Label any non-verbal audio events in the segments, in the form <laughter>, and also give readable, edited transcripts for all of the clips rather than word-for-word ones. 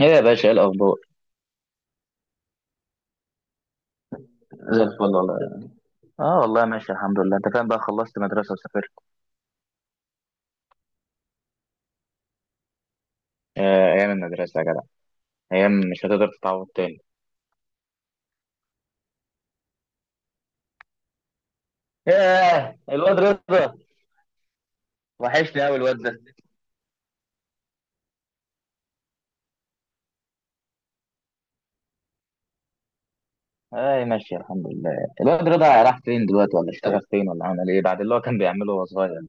ايه يا باشا، ايه الاخبار؟ زي الفل والله. اه والله ماشي الحمد لله. انت فاهم بقى، خلصت مدرسة وسافرت. ايام المدرسه يا جدع، ايام مش هتقدر تتعوض تاني. ياه، الواد رضا، وحشني قوي الواد ده. اي ماشي الحمد لله. الواد رضا راح فين دلوقتي؟ ولا اشتغل فين؟ ولا عمل ايه بعد اللي هو كان بيعمله وهو صغير؟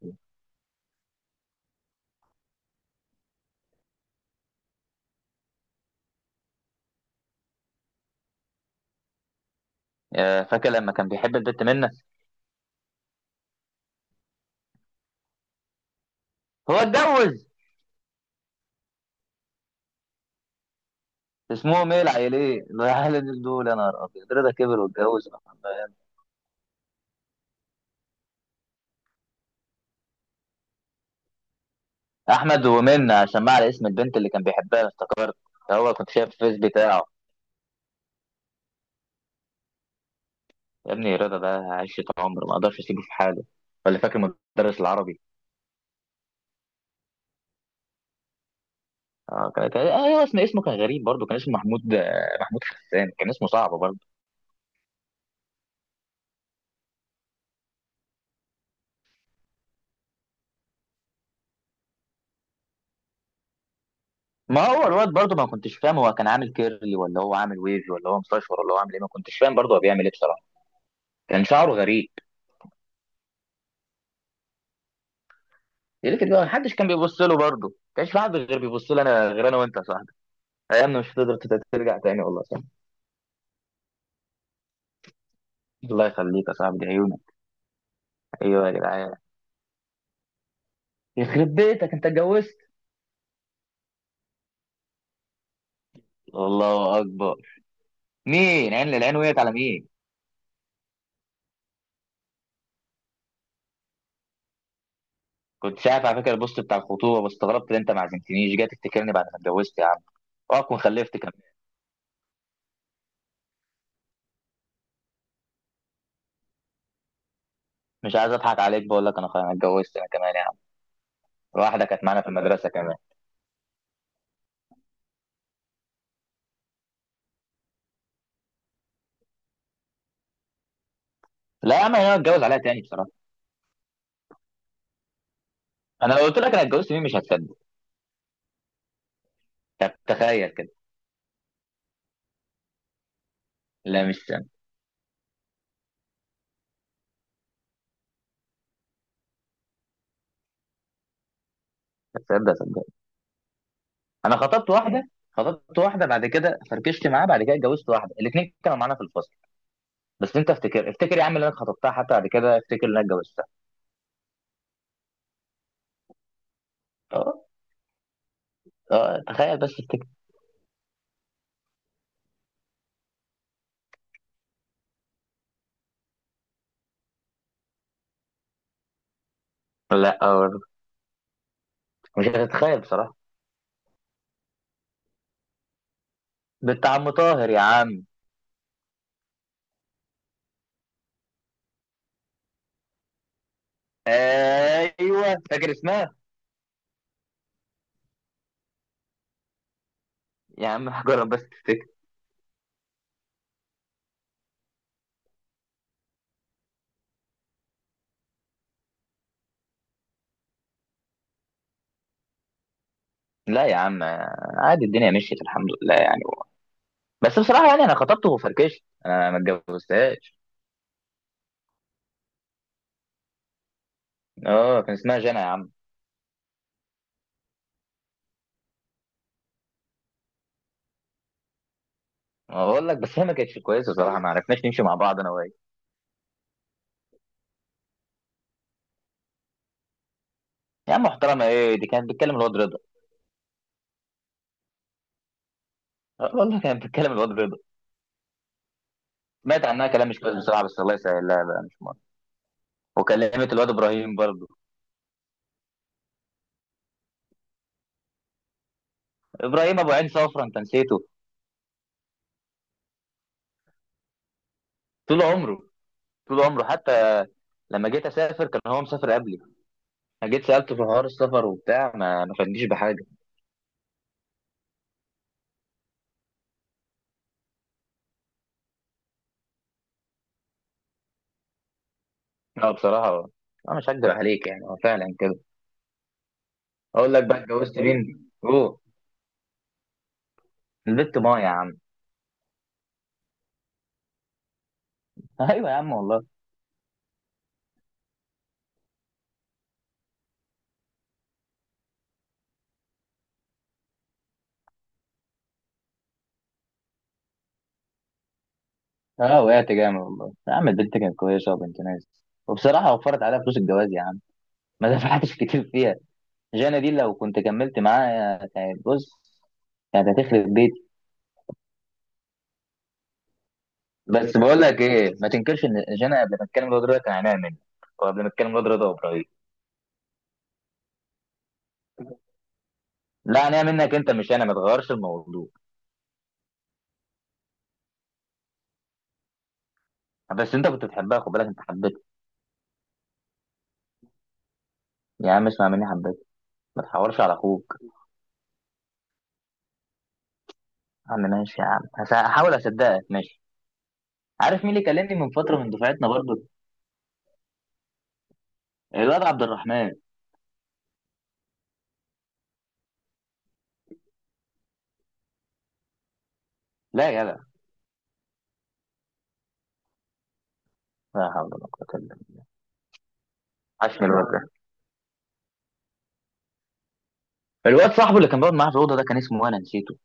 يا فاكر لما كان بيحب البت منة؟ هو اتجوز؟ اسمهم ايه العيلين العيلين دول؟ يا نهار ابيض، رضا كبر واتجوز. احمد ومنة، عشان ما على اسم البنت اللي كان بيحبها افتكرت. هو كنت شايف الفيس بتاعه. يا ابني رضا ده عشرة عمر، ما اقدرش اسيبه في حاله. ولا فاكر مدرس العربي؟ اه كان اسمه كان غريب برضه، كان اسمه محمود، محمود حسان، كان اسمه صعب برضه. ما هو الواد برضه ما كنتش فاهم هو كان عامل كيرلي، ولا هو عامل ويف، ولا هو مستشفر، ولا هو عامل ايه. ما كنتش فاهم برضه هو بيعمل ايه بصراحه. كان شعره غريب. لكن ما حدش كان بيبص له برضه، ما كانش في حد غير بيبص له انا، غير انا وانت يا صاحبي. ايامنا مش هتقدر ترجع تاني والله يا صاحبي. الله يخليك يا صاحبي، دي عيونك. ايوه يا جدعان، يخرب بيتك انت اتجوزت! الله اكبر، مين عين للعين وقعت على مين؟ كنت شايف على فكره البوست بتاع الخطوبه، بس استغربت ان انت ما عزمتنيش، جاي تفتكرني بعد ما اتجوزت يا عم؟ واكون خلفت كمان. مش عايز اضحك عليك، بقول لك انا خلاص أنا اتجوزت انا كمان يا عم. واحده كانت معانا في المدرسه كمان. لا يا عم، انا اتجوز عليها تاني بصراحه. انا لو قلت لك انا اتجوزت مين مش هتصدق. طب تخيل كده. لا، مش سنة. هتصدق صدق؟ انا خطبت واحده، خطبت واحده. بعد كده فركشت معاها، بعد كده اتجوزت واحده. الاثنين كانوا معانا في الفصل. بس انت افتكر يا عم، اللي انا خطبتها حتى بعد كده افتكر ان انا اتجوزتها. اه. اه تخيل، بس افتكر. لا، أه. مش هتتخيل بصراحة. بنت عم طاهر يا عم. ايوه، فاكر اسمها؟ يا عم <laughs> هجرب، بس تفتكر. لا يا عم، عادي الدنيا مشيت الحمد لله يعني. بس بصراحة يعني انا خطبته وفركشت، انا ما اتجوزتهاش. اه كان اسمها جنى يا عم. اقول لك، بس هي ما كانتش كويسة بصراحة، ما عرفناش نمشي مع بعض انا وهي. يا عم محترمة ايه، دي كانت بتكلم الواد رضا. والله كانت بتكلم الواد رضا. مات عنها كلام مش كويس بصراحة، بس الله يسهل. لا لا، مش مرة. وكلمت الواد ابراهيم برضه. ابراهيم ابو عين صفرا، انت نسيته؟ طول عمره، طول عمره حتى. لما جيت اسافر كان هو مسافر قبلي. انا جيت سالته في حوار السفر وبتاع، ما فادنيش بحاجه. لا بصراحه، انا مش هكدب عليك يعني، هو فعلا كده. اقول لك بقى اتجوزت مين؟ اوه. البت ما يا عم. <laughs> ايوه يا عم والله. اه وقعت جامد والله يا عم. البنت كانت كويسه وبنت ناس، وبصراحه وفرت عليها فلوس الجواز يا عم. ما دفعتش <laughs> كتير فيها. جانا دي لو كنت كملت معاها كانت بص، كانت هتخرب بيتي. بس بقول لك ايه، ما تنكرش ان جانا قبل ما اتكلم الواد ده كان عينيها مني، وقبل ما اتكلم الواد رضا وابراهيم. لا انا منك انت، مش انا، ما تغيرش الموضوع. بس انت كنت بتحبها، خد بالك انت حبيتها. يا عم اسمع مني، حبيتها. ما تحورش على اخوك. يا عم ماشي يا عم، هحاول اصدقك ماشي. عارف مين اللي كلمني من فتره من دفعتنا برضو؟ الواد عبد الرحمن. لا يا جدع! لا حول ولا قوه الا بالله! عشمي الواد ده. الواد صاحبه اللي كان بيقعد معاه في الاوضه ده كان اسمه إيه؟ انا نسيته.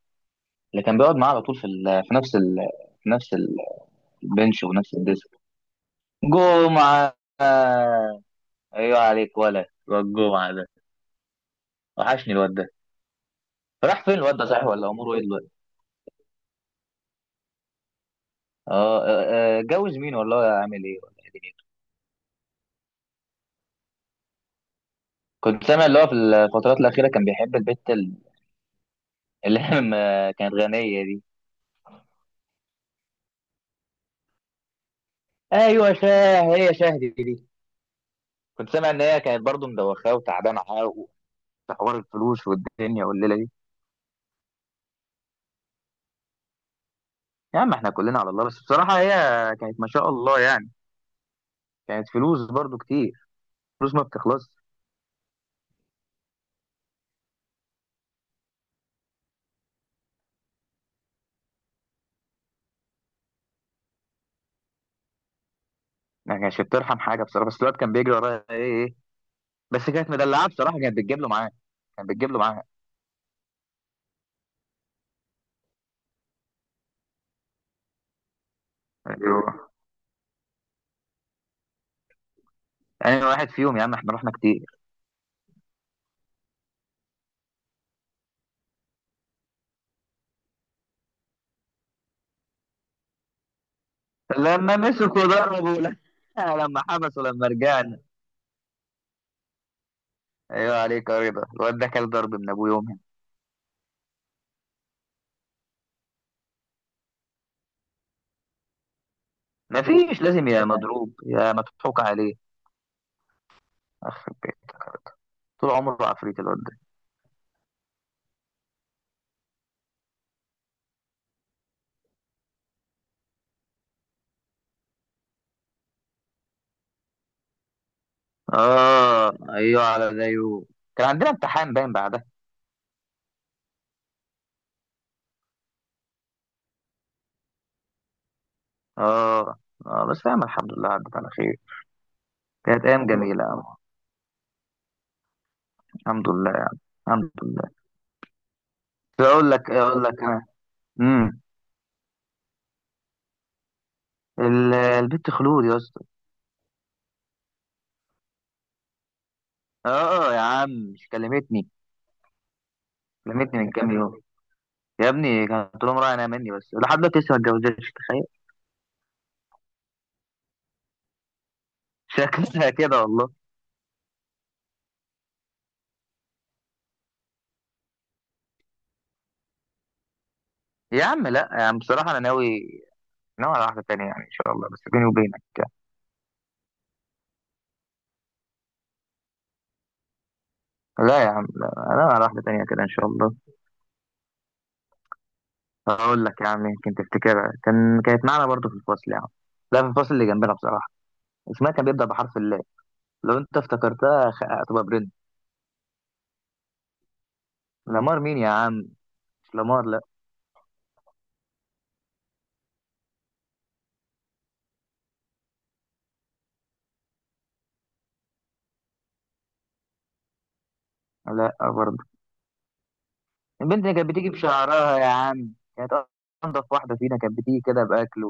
اللي كان بيقعد معاه على طول في نفس البنش ونفس الديسك. جمعه! ايوه عليك، ولا الواد جمعه ده، وحشني الواد ده. راح فين الواد ده صحيح؟ ولا اموره ايه دلوقتي؟ اه. جوز مين والله؟ اعمل ايه ولا ايه دنيته. كنت سامع اللي هو في الفترات الاخيره كان بيحب البت <laughs> اللي هي كانت غنيه دي. ايوه شاه، هي شاه دي دي. كنت سامع ان هي كانت برضه مدوخاه وتعبانه حق، في حوار الفلوس والدنيا والليله دي. يا عم احنا كلنا على الله، بس بصراحه هي كانت ما شاء الله يعني، كانت فلوس برضه كتير، فلوس ما بتخلصش. ما كانتش بترحم حاجه بصراحه، بس الواد كان بيجري ورايا ايه ايه إيه. بس كانت مدلعه بصراحه، كانت بتجيب له معاه. ايوه انا واحد فيهم يا عم، احنا رحنا كتير. لما مسكوا ضربوا. <laughs> لا، لما حبسوا لما رجعنا. ايوه عليك يا رضا، الواد ده كان ضرب من ابوه يومها. مفيش، لازم يا مضروب يا مضحوك عليه. أخ، طول عمره عفريت الواد ده. اه ايوه على زيه. كان عندنا امتحان باين بعدها. اه اه، بس فاهم الحمد لله عدت على خير. كانت ايام جميله أوي. الحمد لله يعني، الحمد لله. اقول لك، اقول لك انا. امم البت خلود يا اسطى. اه يا عم، مش كلمتني؟ كلمتني من كام يوم. يا ابني كانت لهم رايح انا مني، بس لحد دلوقتي لسه ما اتجوزتش، تخيل. شكلها <laughs> كده والله. يا عم لا يا عم، بصراحه انا ناوي، ناوي على واحده تانية يعني ان شاء الله، بس بيني وبينك يعني. لا يا عم، لا انا ناوي على واحده تانية كده ان شاء الله. هقول لك يا عم، يمكن تفتكرها، كان كانت معانا برضو في الفصل يا عم. لا في الفصل اللي جنبنا بصراحه. اسمها كان بيبدا بحرف اللام. لو انت افتكرتها هتبقى برنس. لامار مين يا عم؟ مش لامار لا. لا برضه. البنت اللي كانت بتيجي بشعرها يا عم، كانت انضف واحده فينا، كانت بتيجي كده باكل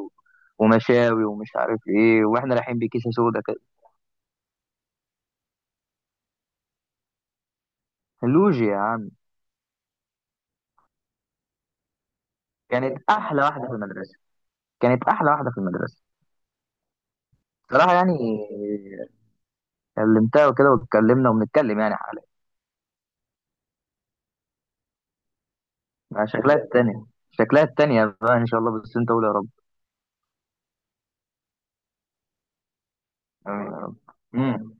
ومشاوي ومش عارف ايه، واحنا رايحين بكيسه سودا كده. لوجيا يا عم. كانت احلى واحده في المدرسه، كانت احلى واحده في المدرسه. صراحه يعني، كلمتها وكده واتكلمنا وبنتكلم يعني حاليا. مع شكلها التانية، شكلها التانية بقى ان شاء الله، بس انت قول يا رب. آمين يا رب. مم.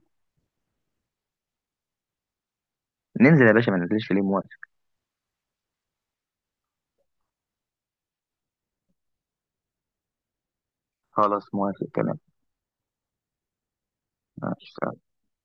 ننزل يا باشا، ما ننزلش ليه، موافق. خلاص موافق كمان. ماشي.